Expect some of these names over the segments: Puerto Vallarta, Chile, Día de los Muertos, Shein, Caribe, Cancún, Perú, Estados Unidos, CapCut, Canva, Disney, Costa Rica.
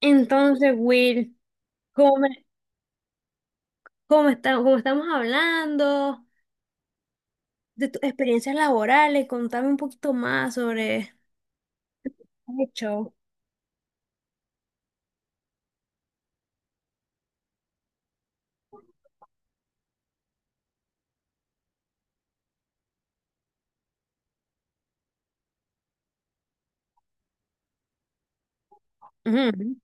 Entonces, Will, cómo me, cómo estamos hablando de tus experiencias laborales, contame un poquito más sobre hecho. Ujú.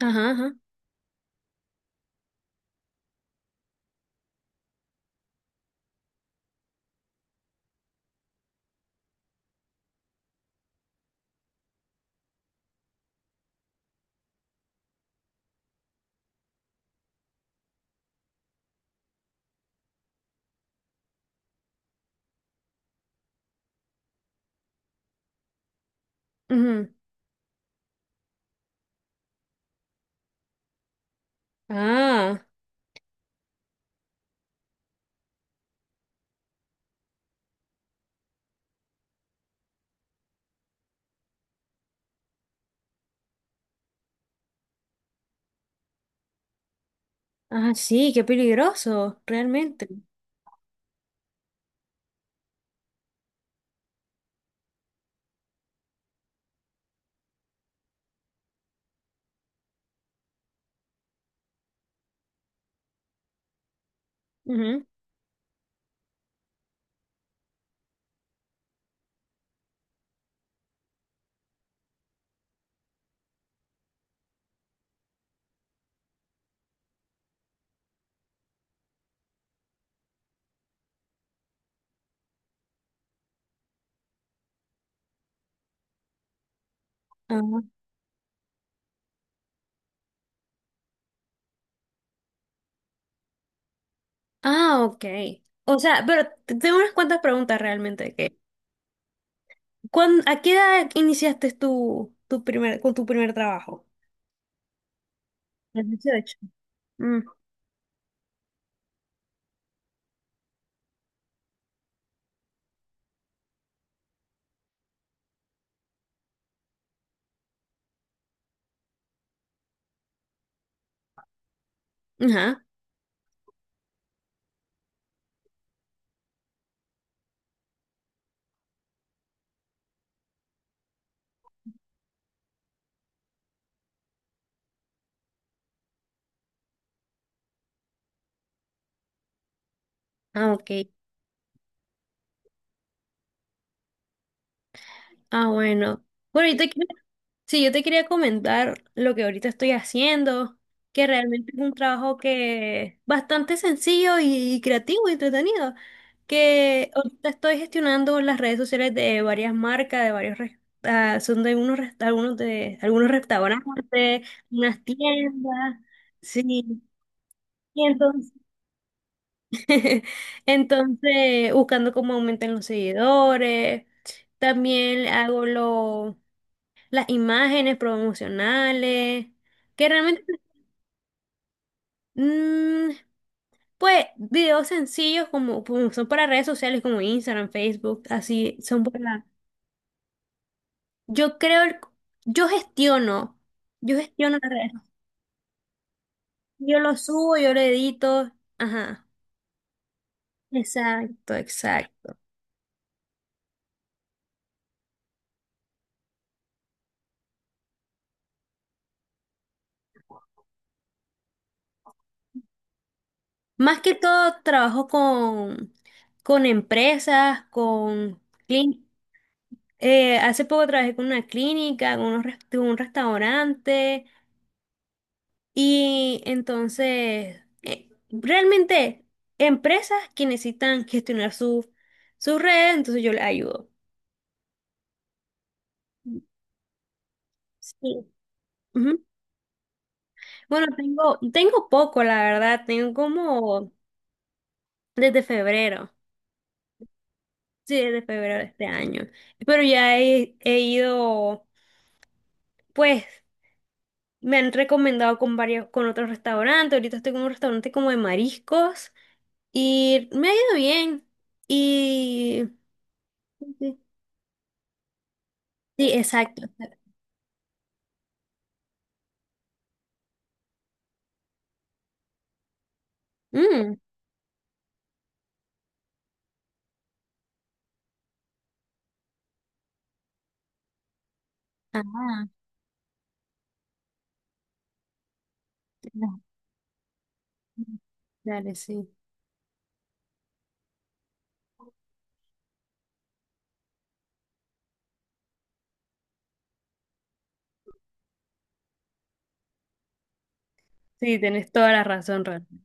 Ajá, ajá. Ujú. Ah, ah, sí, qué peligroso, realmente. Ujú. Ajá. Ah, ok. O sea, tengo unas cuantas preguntas realmente. Que, ¿a qué edad iniciaste con tu primer trabajo? A los 18. Mm. Ajá. Ah, ok. Ah, bueno. Bueno, sí, yo te quería comentar lo que ahorita estoy haciendo, que realmente es un trabajo que es bastante sencillo y creativo y entretenido, que ahorita estoy gestionando las redes sociales de varias marcas, de varios, res- ah, son de unos, algunos restaurantes, unas tiendas, sí. Y entonces, buscando cómo aumentan los seguidores. También hago lo las imágenes promocionales, que realmente, mm, pues videos sencillos como, son para redes sociales como Instagram, Facebook, así son para... Yo creo, yo gestiono, yo gestiono las redes, yo lo subo, yo lo edito, ajá, exacto, exacto. Más que todo trabajo con empresas, clin- hace poco trabajé con una clínica, con un restaurante. Y entonces, realmente, empresas que necesitan gestionar su red, entonces yo les ayudo. Sí. Ujú. Bueno, tengo poco, la verdad, tengo como desde febrero, sí, desde febrero de este año, pero ya he ido, pues, me han recomendado con varios, con otros restaurantes, ahorita estoy con un restaurante como de mariscos y me ha ido bien y... Sí, exacto. Mm. Ah, tenés- dale, sí. Sí, tenés toda la razón, realmente.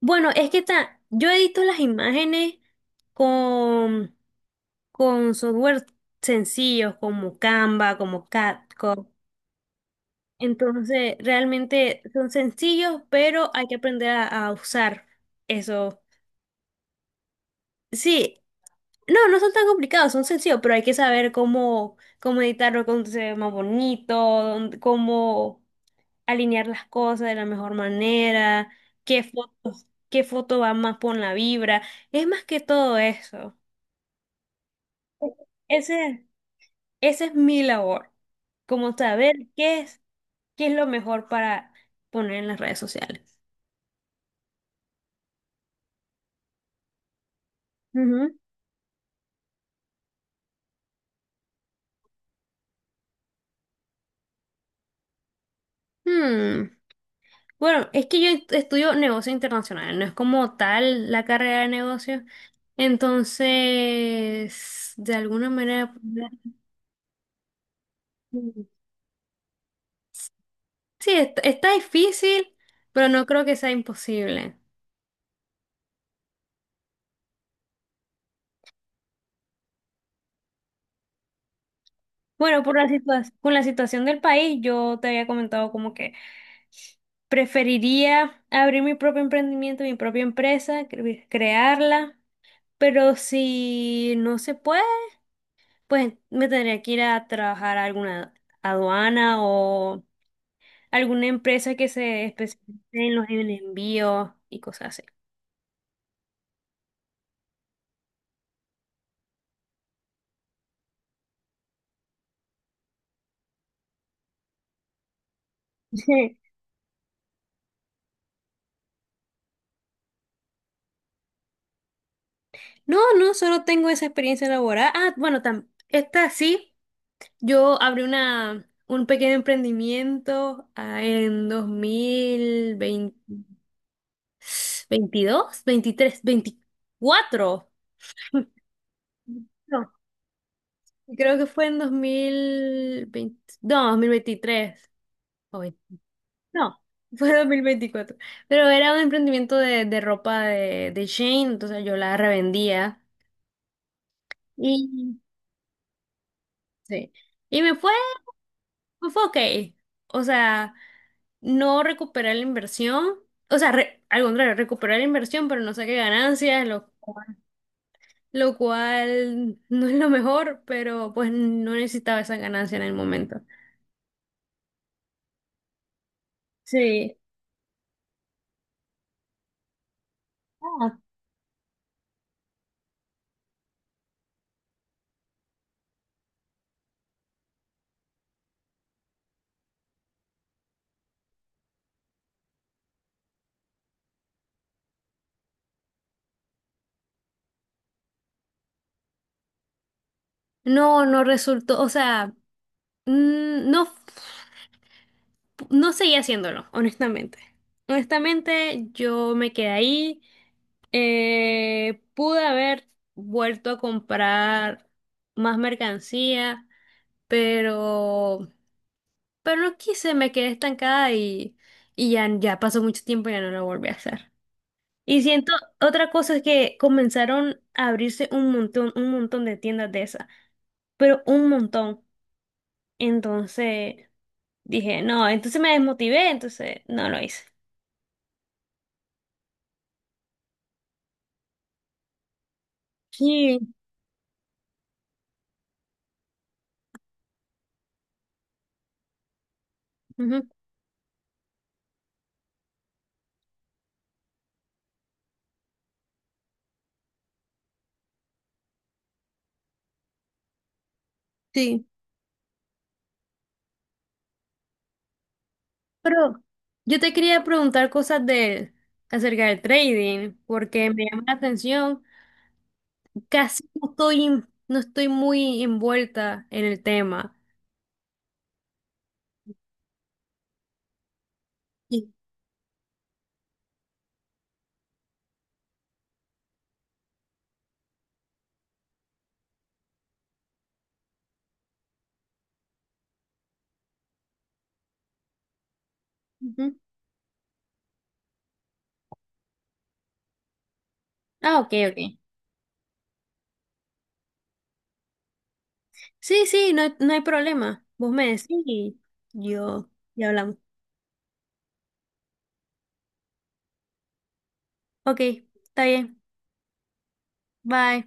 Bueno, es que yo edito las imágenes con, con software sencillos como Canva, como CapCut. Entonces, realmente son sencillos, pero hay que aprender a usar eso. Sí, no, no son tan complicados, son sencillos, pero hay que saber cómo editarlo, cómo se ve más bonito, cómo alinear las cosas de la mejor manera, qué foto qué foto va más por la vibra. Es más que todo eso. Ese, esa es mi labor, como saber qué es lo mejor para poner en las redes sociales. Ujú. Hmm, Bueno, es que yo estudio negocio internacional, no es como tal la carrera de negocios. Entonces, de alguna manera, sí, está difícil, pero no creo que sea imposible. Bueno, con la situación del país, yo te había comentado como que preferiría abrir mi propio emprendimiento, mi propia empresa, crearla, pero si no se puede, pues me tendría que ir a trabajar a alguna aduana o alguna empresa que se especialice en envíos y cosas así. No, no, solo tengo esa experiencia laboral. Ah, bueno, esta sí. Yo abrí un pequeño emprendimiento en 2020, veintidós, veintitrés, veinticuatro. No, creo que fue en 2020, no, 2023, o 20, no. Fue 2024. Pero era un emprendimiento de ropa de Shein, entonces yo la revendía. Y, sí. Y me fue ok. O sea, no recuperé la inversión. O sea, al contrario, recuperé la inversión, pero no saqué ganancias, lo cual no es lo mejor, pero pues no necesitaba esa ganancia en el momento. Sí. Ah, no, no resultó, o sea, mm, no, f- no seguí haciéndolo, honestamente. Honestamente, yo me quedé ahí. Pude haber vuelto a comprar más mercancía, pero, pero no quise, me quedé estancada y ya pasó mucho tiempo y ya no lo volví a hacer. Y siento, otra cosa es que comenzaron a abrirse un montón de tiendas de esas, pero un montón. Entonces dije, no, entonces me desmotivé, entonces no lo hice. Sí. Ujú. Sí. Pero yo te quería preguntar cosas acerca del trading, porque me llama la atención. Casi no estoy, no estoy muy envuelta en el tema. Y- Ujú. Ah, ok, ok. Sí, sí, no, no hay problema. Vos me decís y yo, y hablamos. Ok, está bien. Bye.